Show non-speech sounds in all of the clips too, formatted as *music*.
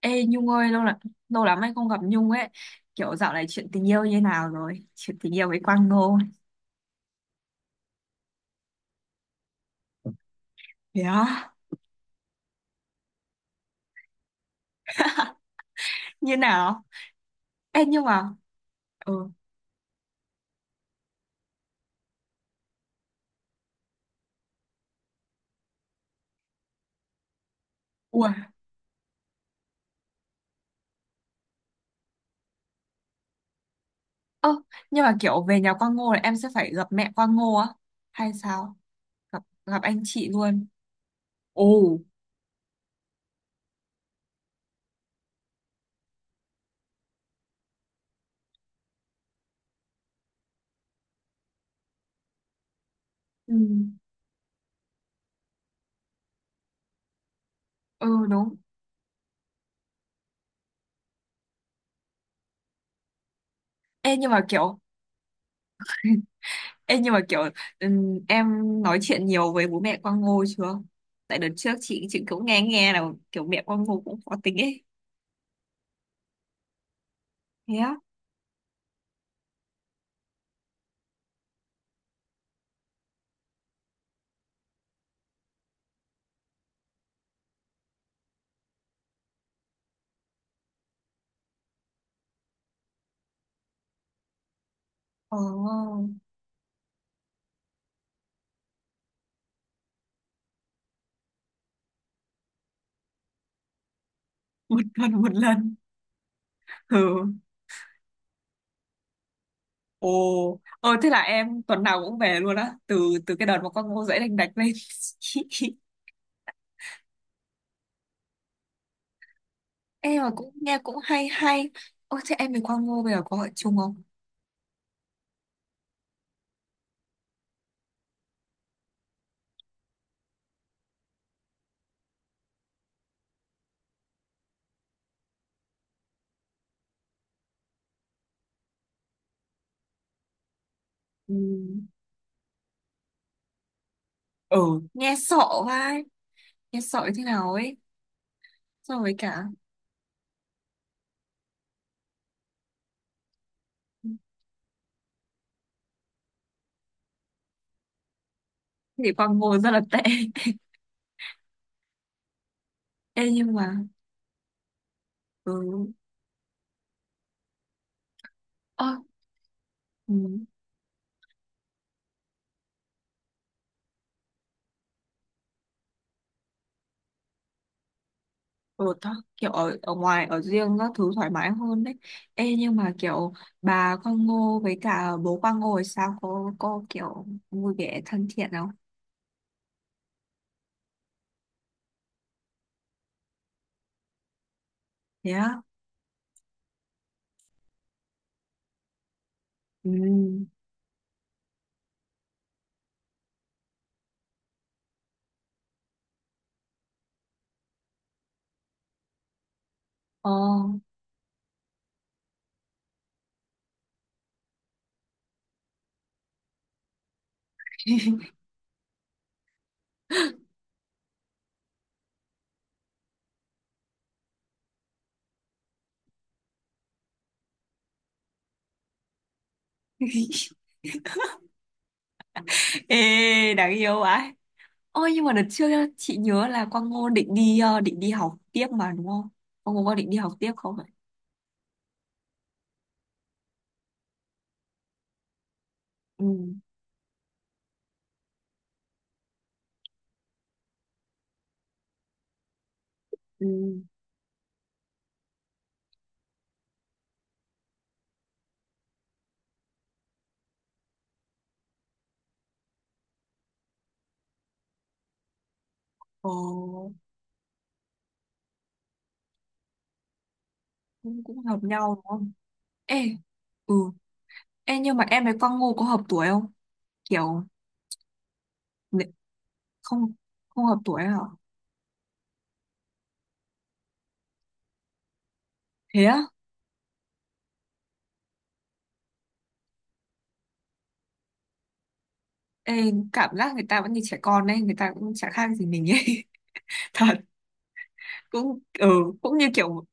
Ê Nhung ơi, lâu lắm anh không gặp Nhung ấy. Kiểu dạo này chuyện tình yêu như nào rồi? Chuyện tình yêu với Quang Ngô? Thế á? Như nào? Ê nhưng mà, ừ. Ủa. Ơ, nhưng mà kiểu về nhà Quang Ngô là em sẽ phải gặp mẹ Quang Ngô á hay sao? Gặp gặp anh chị luôn? Ồ. Ừ, ừ đúng. Ê nhưng mà kiểu. *laughs* Ê nhưng mà kiểu, em nói chuyện nhiều với bố mẹ Quang Ngô chưa? Tại đợt trước chị cũng nghe nghe là kiểu mẹ Quang Ngô cũng khó tính ấy. Thế á? Ồ. Một tuần một lần? Ừ. Ồ. Ồ, thế là em tuần nào cũng về luôn á, từ từ cái đợt mà con Ngô dễ đành đạch lên? *laughs* Em mà cũng nghe cũng hay hay. Ôi, thế em với con Ngô bây giờ có ở chung không? Ừ. Ừ. Nghe sợ. Vai, nghe sợ như thế nào ấy. So với cả thì con Ngô rất là tệ. *laughs* Ê, nhưng mà, ừ. Ơ, ừ. Ừ, kiểu ở ngoài ở riêng các thứ thoải mái hơn đấy. Ê nhưng mà kiểu bà Quang Ngô với cả bố Quang Ngô thì sao? Cô kiểu vui vẻ thân thiện không? Thế á? Ừ. Ờ. *laughs* Ê, đáng yêu ấy. Ôi nhưng mà đợt trước á, chị nhớ là Quang Ngô định đi học tiếp mà đúng không? Quang Ngô có định đi học tiếp không ạ? Ừ. Ừ. Ồ, cũng cũng hợp nhau đúng không? Ê. Ừ. Ê nhưng mà em với Quang Ngô có hợp tuổi không? Kiểu không, không hợp tuổi hả? Thế á? Ê, cảm giác người ta vẫn như trẻ con đấy, người ta cũng chả khác gì mình ấy. *laughs* Thật. Cũng ừ. Cũng như kiểu,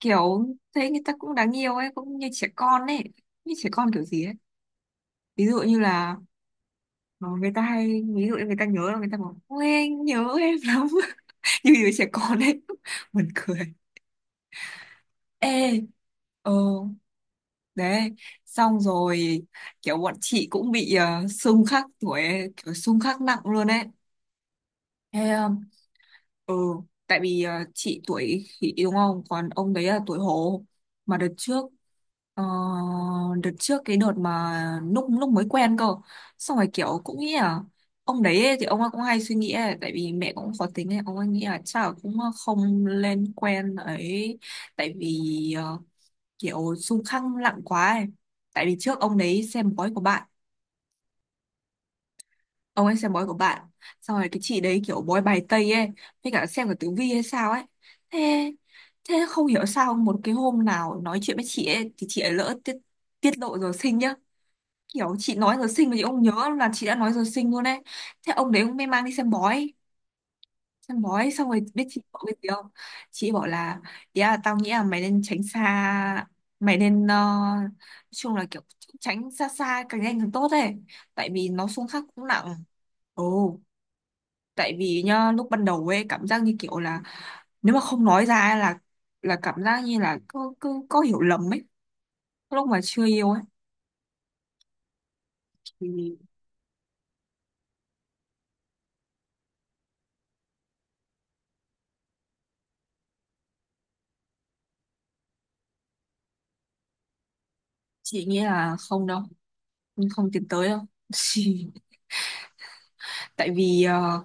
kiểu thấy người ta cũng đáng yêu ấy, cũng như trẻ con ấy. Như trẻ con kiểu gì ấy? Ví dụ như là, ờ, người ta hay, ví dụ như người ta nhớ là người ta bảo ôi anh nhớ em lắm. *laughs* Như đứa trẻ con ấy. *laughs* Buồn cười. Ê. Ờ. Đấy. Xong rồi kiểu bọn chị cũng bị xung khắc tuổi ấy, kiểu xung khắc nặng luôn ấy. Thế ừ, tại vì chị tuổi khỉ đúng không? Còn ông đấy là tuổi hổ. Mà ờ, đợt trước cái đợt mà lúc lúc mới quen cơ. Xong rồi kiểu cũng nghĩ là ông đấy ấy, thì ông ấy cũng hay suy nghĩ ấy, tại vì mẹ cũng khó tính ấy, ông ấy nghĩ là chắc là cũng không lên quen ấy. Tại vì kiểu xung khăng lặng quá ấy. Tại vì trước ông đấy xem bói của bạn, ông ấy xem bói của bạn, xong rồi cái chị đấy kiểu bói bài tây ấy với cả xem cả tử vi hay sao ấy. Thế thế không hiểu sao một cái hôm nào nói chuyện với chị ấy thì chị ấy lỡ tiết tiết lộ giờ sinh nhá, kiểu chị nói giờ sinh mà chị không nhớ là chị đã nói giờ sinh luôn ấy. Thế ông đấy ông mới mang đi xem bói, xem bói xong rồi biết chị bảo cái gì không? Chị bảo là, ý là tao nghĩ là mày nên tránh xa, mày nên nói chung là kiểu tránh xa, xa càng nhanh càng tốt ấy, tại vì nó xung khắc cũng nặng. Ồ. Tại vì nhá lúc ban đầu ấy cảm giác như kiểu là, nếu mà không nói ra ấy là cảm giác như là cứ cứ có hiểu lầm ấy, lúc mà chưa yêu ấy. Thì chị nghĩ là không đâu, không tiến tới đâu. *laughs* Tại vì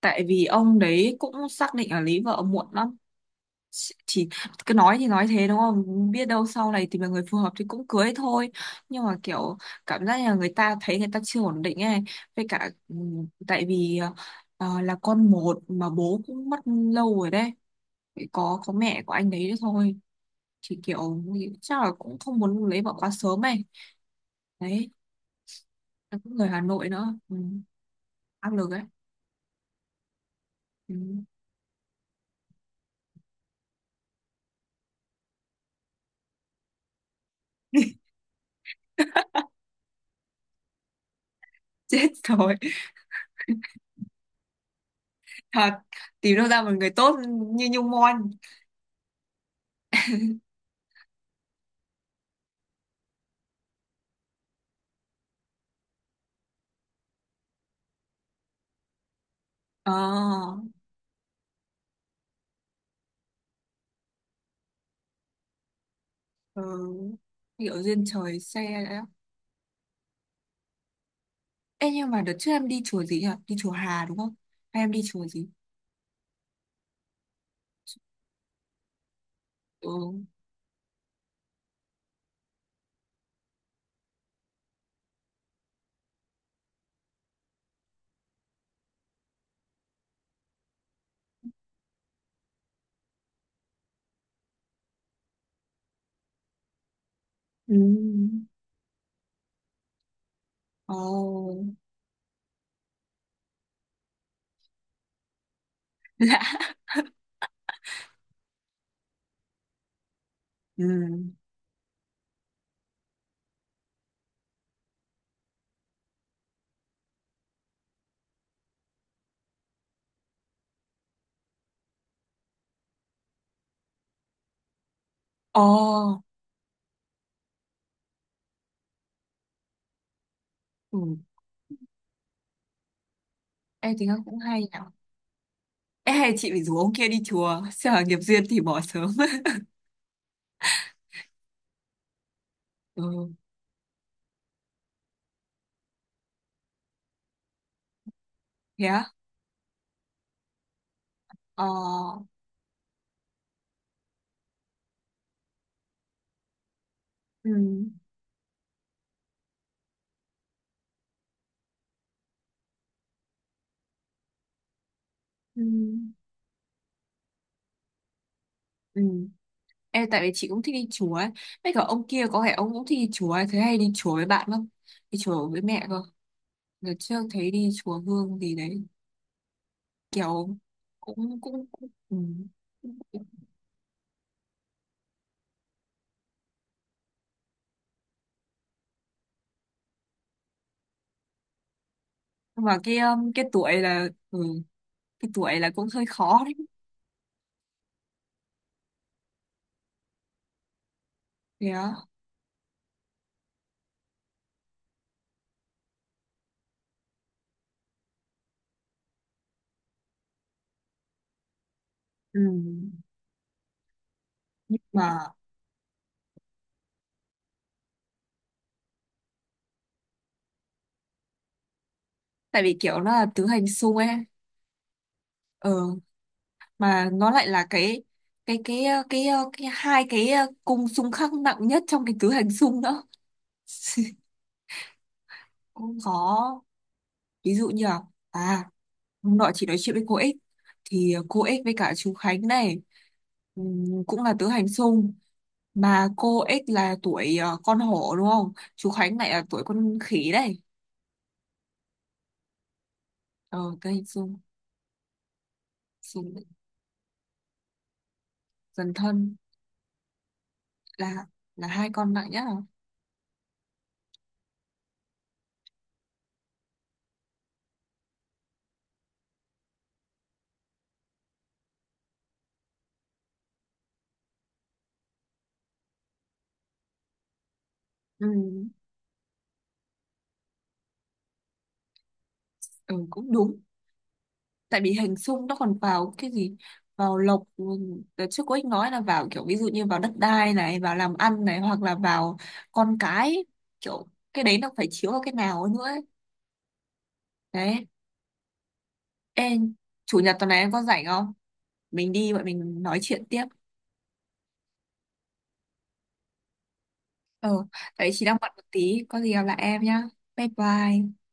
tại vì ông đấy cũng xác định là lấy vợ muộn lắm, chỉ, cứ nói thì nói thế đúng không biết đâu sau này tìm được người phù hợp thì cũng cưới thôi. Nhưng mà kiểu, cảm giác là người ta thấy người ta chưa ổn định ấy, với cả ừ, tại vì, ờ, là con một mà bố cũng mất lâu rồi đấy. Chỉ có mẹ của anh đấy thôi, thì kiểu chắc là cũng không muốn lấy vợ quá sớm ấy. Đấy. Nó cũng người Hà Nội nữa, ừ. Áp lực ấy. Ừ. *laughs* Chết rồi. Thật, tìm đâu ra một người tốt như Nhung Mon. Ờ. Ờ, kiểu duyên trời xe đấy. Á. Ê nhưng mà đợt trước em đi chùa gì nhỉ? Đi chùa Hà đúng không? Hay em đi chùa gì? Ừ. Ừ. Ồ. *laughs* Lạ. Ừ. Ồ. Ừ. Ê, tính cũng hay nhỉ. Ê, hay chị phải rủ ông kia đi chùa. Sợ nghiệp duyên thì bỏ sớm. *laughs* Ừ. Thế á? Ờ. Ừ. Ừ. Ừ. Ê, tại vì chị cũng thích đi chùa ấy. Mấy cả ông kia có vẻ ông cũng thích đi chùa ấy. Thế hay đi chùa với bạn không? Đi chùa với mẹ cơ. Đợt trước thấy đi chùa Hương gì đấy, kiểu cũng cũng, cũng ừ. Nhưng mà cái tuổi là cũng hơi khó đấy. Thế á? Ừ. Nhưng mà, tại vì kiểu nó là tứ hành xung ấy. Ừ. Mà nó lại là cái cái cái hai cái cung xung khắc nặng nhất trong cái tứ hành xung nữa. *laughs* Cũng khó. Ví dụ như là, à, hôm nọ chị nói chuyện với cô X, thì cô X với cả chú Khánh này cũng là tứ hành xung. Mà cô X là tuổi con hổ đúng không? Chú Khánh lại là tuổi con khỉ đấy. Ờ, tứ hành xung. Xung. Dần thân. Là, hai con nặng nhất à? Ừ. Ừ, cũng đúng. Tại vì hình xung nó còn vào cái gì? Vào lộc, ừ, đợt trước cô ấy nói là vào kiểu ví dụ như vào đất đai này, vào làm ăn này, hoặc là vào con cái, kiểu cái đấy nó phải chiếu vào cái nào ấy nữa ấy. Đấy. Ê, chủ nhật tuần này em có rảnh không? Mình đi, bọn mình nói chuyện tiếp. Ờ, đấy chị đang bận một tí, có gì gặp lại em nhá. Bye bye.